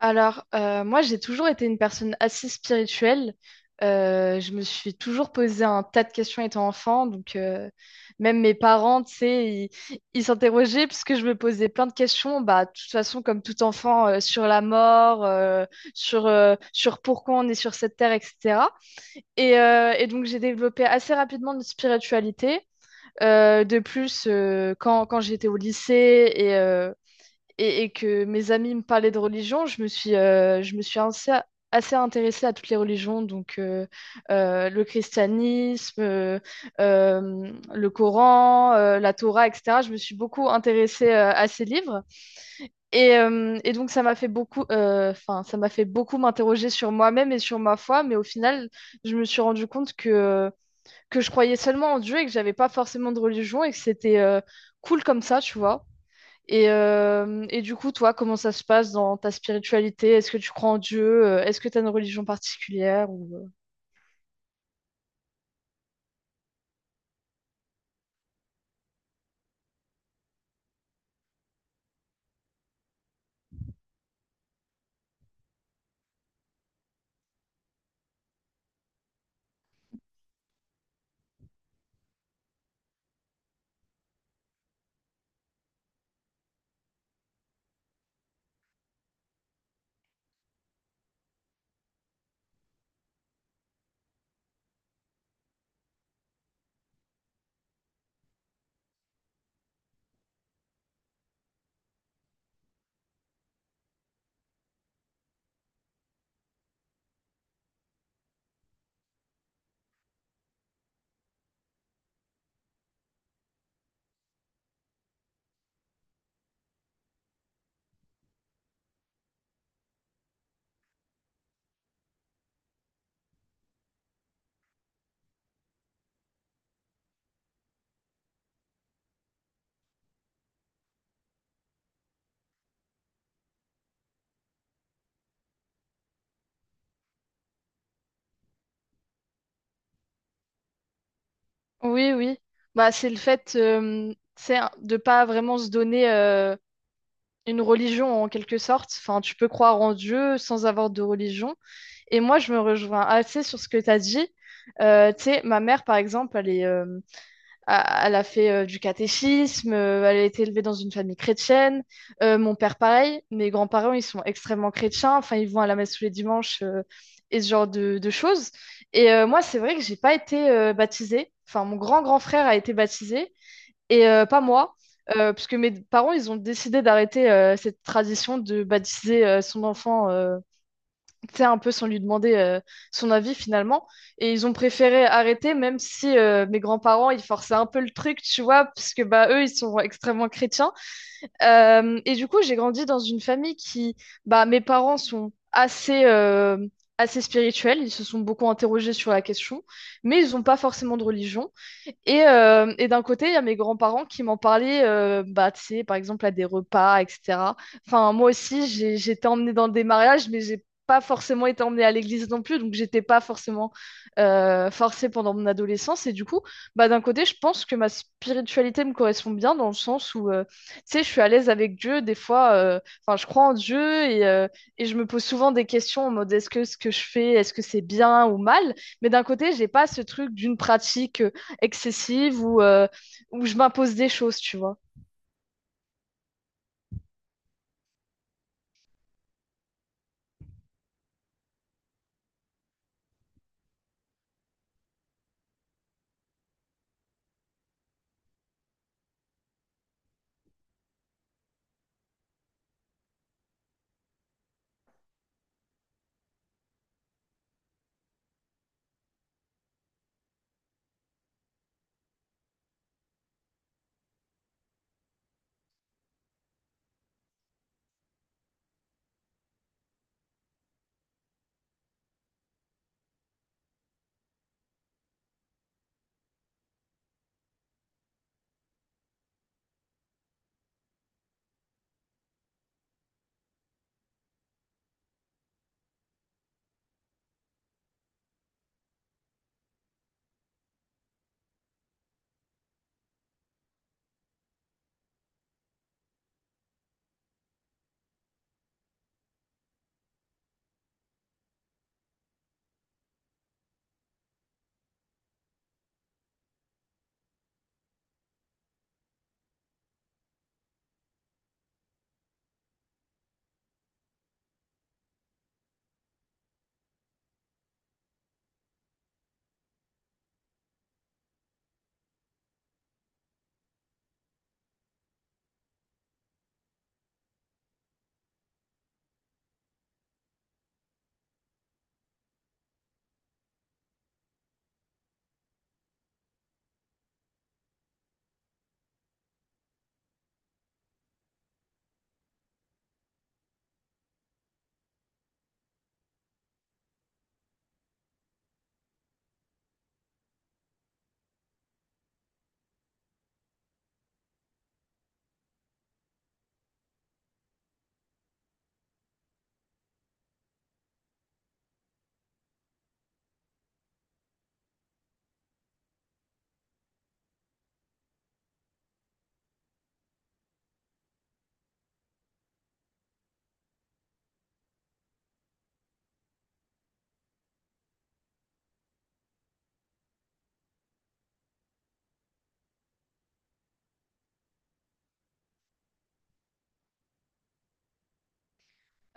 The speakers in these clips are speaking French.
Alors, moi, j'ai toujours été une personne assez spirituelle. Je me suis toujours posé un tas de questions étant enfant. Donc, même mes parents, tu sais, ils s'interrogeaient puisque je me posais plein de questions. Bah, de toute façon, comme tout enfant, sur la mort, sur pourquoi on est sur cette terre, etc. Et donc, j'ai développé assez rapidement une spiritualité. De plus, quand j'étais au lycée et et que mes amis me parlaient de religion, je me suis assez intéressée à toutes les religions, donc le christianisme, le Coran, la Torah, etc. Je me suis beaucoup intéressée à ces livres. Et donc, ça m'a fait beaucoup, enfin, ça m'a fait beaucoup m'interroger sur moi-même et sur ma foi, mais au final, je me suis rendu compte que je croyais seulement en Dieu et que j'avais pas forcément de religion et que c'était cool comme ça, tu vois. Et du coup, toi, comment ça se passe dans ta spiritualité? Est-ce que tu crois en Dieu? Est-ce que tu as une religion particulière ou... Oui, oui. Bah, c'est le fait, de pas vraiment se donner une religion en quelque sorte. Enfin, tu peux croire en Dieu sans avoir de religion. Et moi, je me rejoins assez sur ce que tu as dit. Tu sais, ma mère, par exemple, elle a fait du catéchisme, elle a été élevée dans une famille chrétienne. Mon père, pareil. Mes grands-parents, ils sont extrêmement chrétiens. Enfin, ils vont à la messe tous les dimanches, et ce genre de choses. Et moi, c'est vrai que j'ai pas été baptisée. Enfin, mon grand-grand frère a été baptisé et pas moi. Puisque mes parents, ils ont décidé d'arrêter cette tradition de baptiser son enfant, tu sais, un peu sans lui demander son avis finalement. Et ils ont préféré arrêter, même si mes grands-parents, ils forçaient un peu le truc, tu vois, parce que bah, eux, ils sont extrêmement chrétiens. Et du coup, j'ai grandi dans une famille qui, bah, mes parents sont assez spirituels, ils se sont beaucoup interrogés sur la question, mais ils n'ont pas forcément de religion. Et d'un côté, il y a mes grands-parents qui m'en parlaient, bah, tu sais, par exemple, à des repas, etc. Enfin, moi aussi, j'ai été emmenée dans des mariages, mais j'ai pas forcément été emmenée à l'église non plus, donc j'étais pas forcément forcée pendant mon adolescence. Et du coup, bah, d'un côté, je pense que ma spiritualité me correspond bien dans le sens où, tu sais, je suis à l'aise avec Dieu des fois. Enfin, je crois en Dieu et et je me pose souvent des questions en mode est-ce que ce que je fais, est-ce que c'est bien ou mal? Mais d'un côté, j'ai pas ce truc d'une pratique excessive ou où je m'impose des choses, tu vois.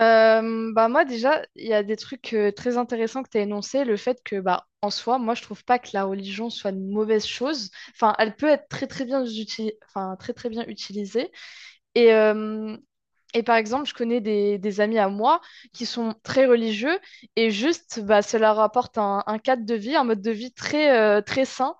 Bah moi déjà, il y a des trucs, très intéressants que tu as énoncés, le fait que bah en soi, moi je trouve pas que la religion soit une mauvaise chose. Enfin, elle peut être très très bien enfin très très bien utilisée. Et euh, Et par exemple, je connais des amis à moi qui sont très religieux et juste, bah, ça leur apporte un cadre de vie, un mode de vie très sain.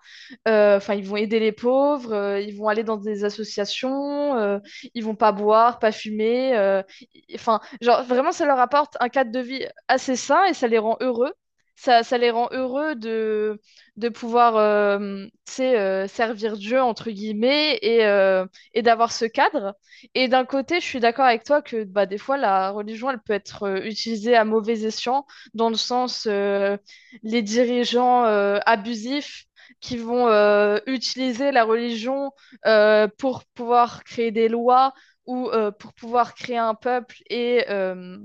Enfin, ils vont aider les pauvres, ils vont aller dans des associations, ils vont pas boire, pas fumer. Enfin, genre, vraiment, ça leur apporte un cadre de vie assez sain et ça les rend heureux. Ça les rend heureux de pouvoir, tu sais, servir Dieu, entre guillemets, et et d'avoir ce cadre. Et d'un côté, je suis d'accord avec toi que bah, des fois, la religion, elle peut être utilisée à mauvais escient, dans le sens, les dirigeants, abusifs qui vont utiliser la religion pour pouvoir créer des lois ou pour pouvoir créer un peuple et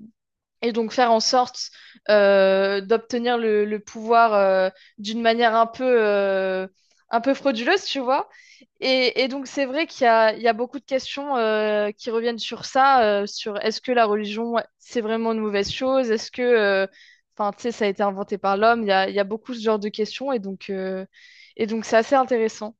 et donc faire en sorte d'obtenir le pouvoir, d'une manière un peu frauduleuse, tu vois. Et donc c'est vrai qu'il y a beaucoup de questions, qui reviennent sur ça, sur est-ce que la religion, ouais, c'est vraiment une mauvaise chose? Enfin, tu sais, ça a été inventé par l'homme? Il y a beaucoup ce genre de questions et donc c'est assez intéressant.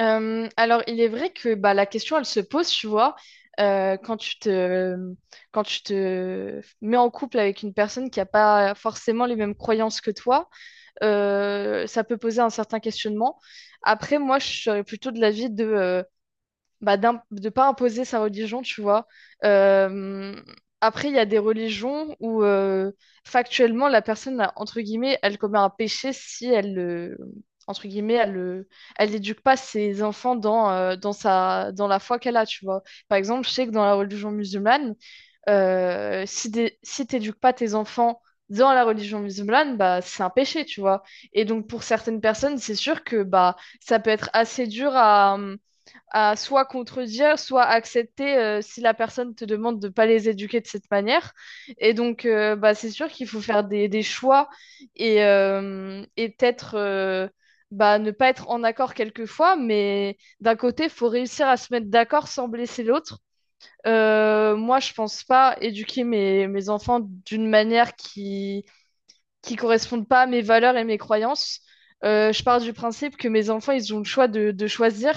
Alors, il est vrai que bah, la question, elle se pose, tu vois, euh, quand tu te, quand tu te mets en couple avec une personne qui n'a pas forcément les mêmes croyances que toi, ça peut poser un certain questionnement. Après, moi, je serais plutôt de l'avis de bah, de pas imposer sa religion, tu vois. Euh, après, il y a des religions où, factuellement la personne, entre guillemets, elle commet un péché si entre guillemets, elle n'éduque pas ses enfants dans, dans la foi qu'elle a, tu vois. Par exemple, je sais que dans la religion musulmane, si t'éduques pas tes enfants dans la religion musulmane, bah c'est un péché, tu vois. Et donc pour certaines personnes, c'est sûr que bah ça peut être assez dur à soit contredire, soit accepter, si la personne te demande de pas les éduquer de cette manière. Et donc, bah, c'est sûr qu'il faut faire des choix et peut-être, bah, ne pas être en accord quelquefois, mais d'un côté, il faut réussir à se mettre d'accord sans blesser l'autre. Moi, je pense pas éduquer mes enfants d'une manière qui corresponde pas à mes valeurs et mes croyances. Je pars du principe que mes enfants, ils ont le choix de choisir,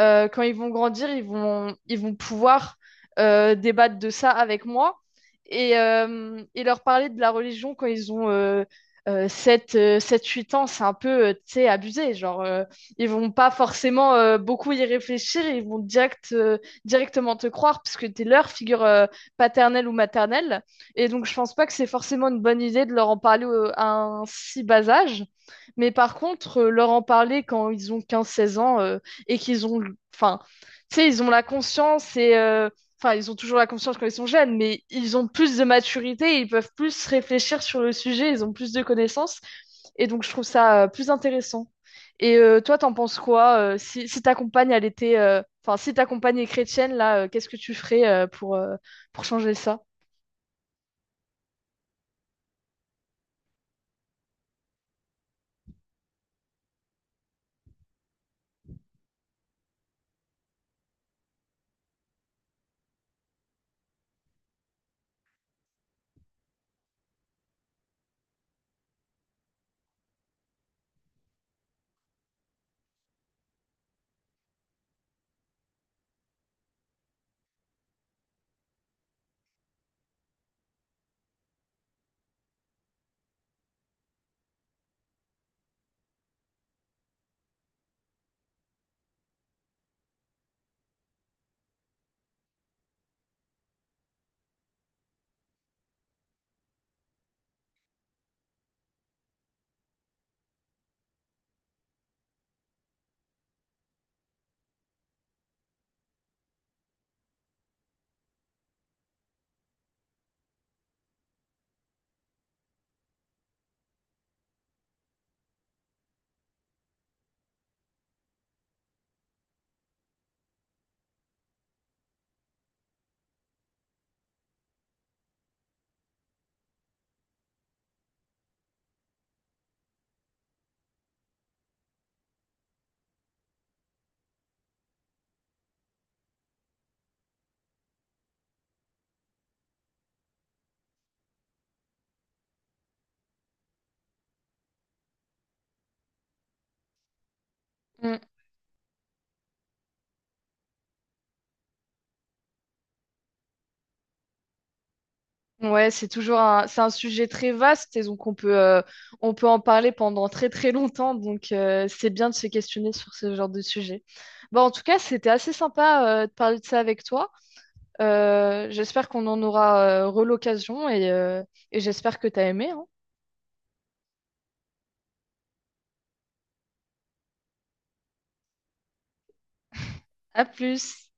quand ils vont grandir, ils vont pouvoir débattre de ça avec moi et leur parler de la religion quand ils ont 7, 7, 8 ans, c'est un peu, tu sais, abusé. Genre, ils vont pas forcément beaucoup y réfléchir, directement te croire parce que t'es leur figure, paternelle ou maternelle. Et donc, je pense pas que c'est forcément une bonne idée de leur en parler à un si bas âge. Mais par contre, leur en parler quand ils ont 15 16 ans, et qu'ils ont, enfin, tu sais, ils ont la conscience et enfin, ils ont toujours la conscience quand ils sont jeunes, mais ils ont plus de maturité, ils peuvent plus réfléchir sur le sujet, ils ont plus de connaissances. Et donc, je trouve ça plus intéressant. Et toi, t'en penses quoi, si, si ta compagne, elle était, enfin, si ta compagne est chrétienne, là, qu'est-ce que tu ferais, pour pour changer ça? Mm. Ouais, c'est toujours c'est un sujet très vaste et donc on peut en parler pendant très très longtemps. Donc c'est bien de se questionner sur ce genre de sujet. Bon, en tout cas, c'était assez sympa de parler de ça avec toi. J'espère qu'on en aura, re l'occasion et et j'espère que t'as aimé, hein. À plus.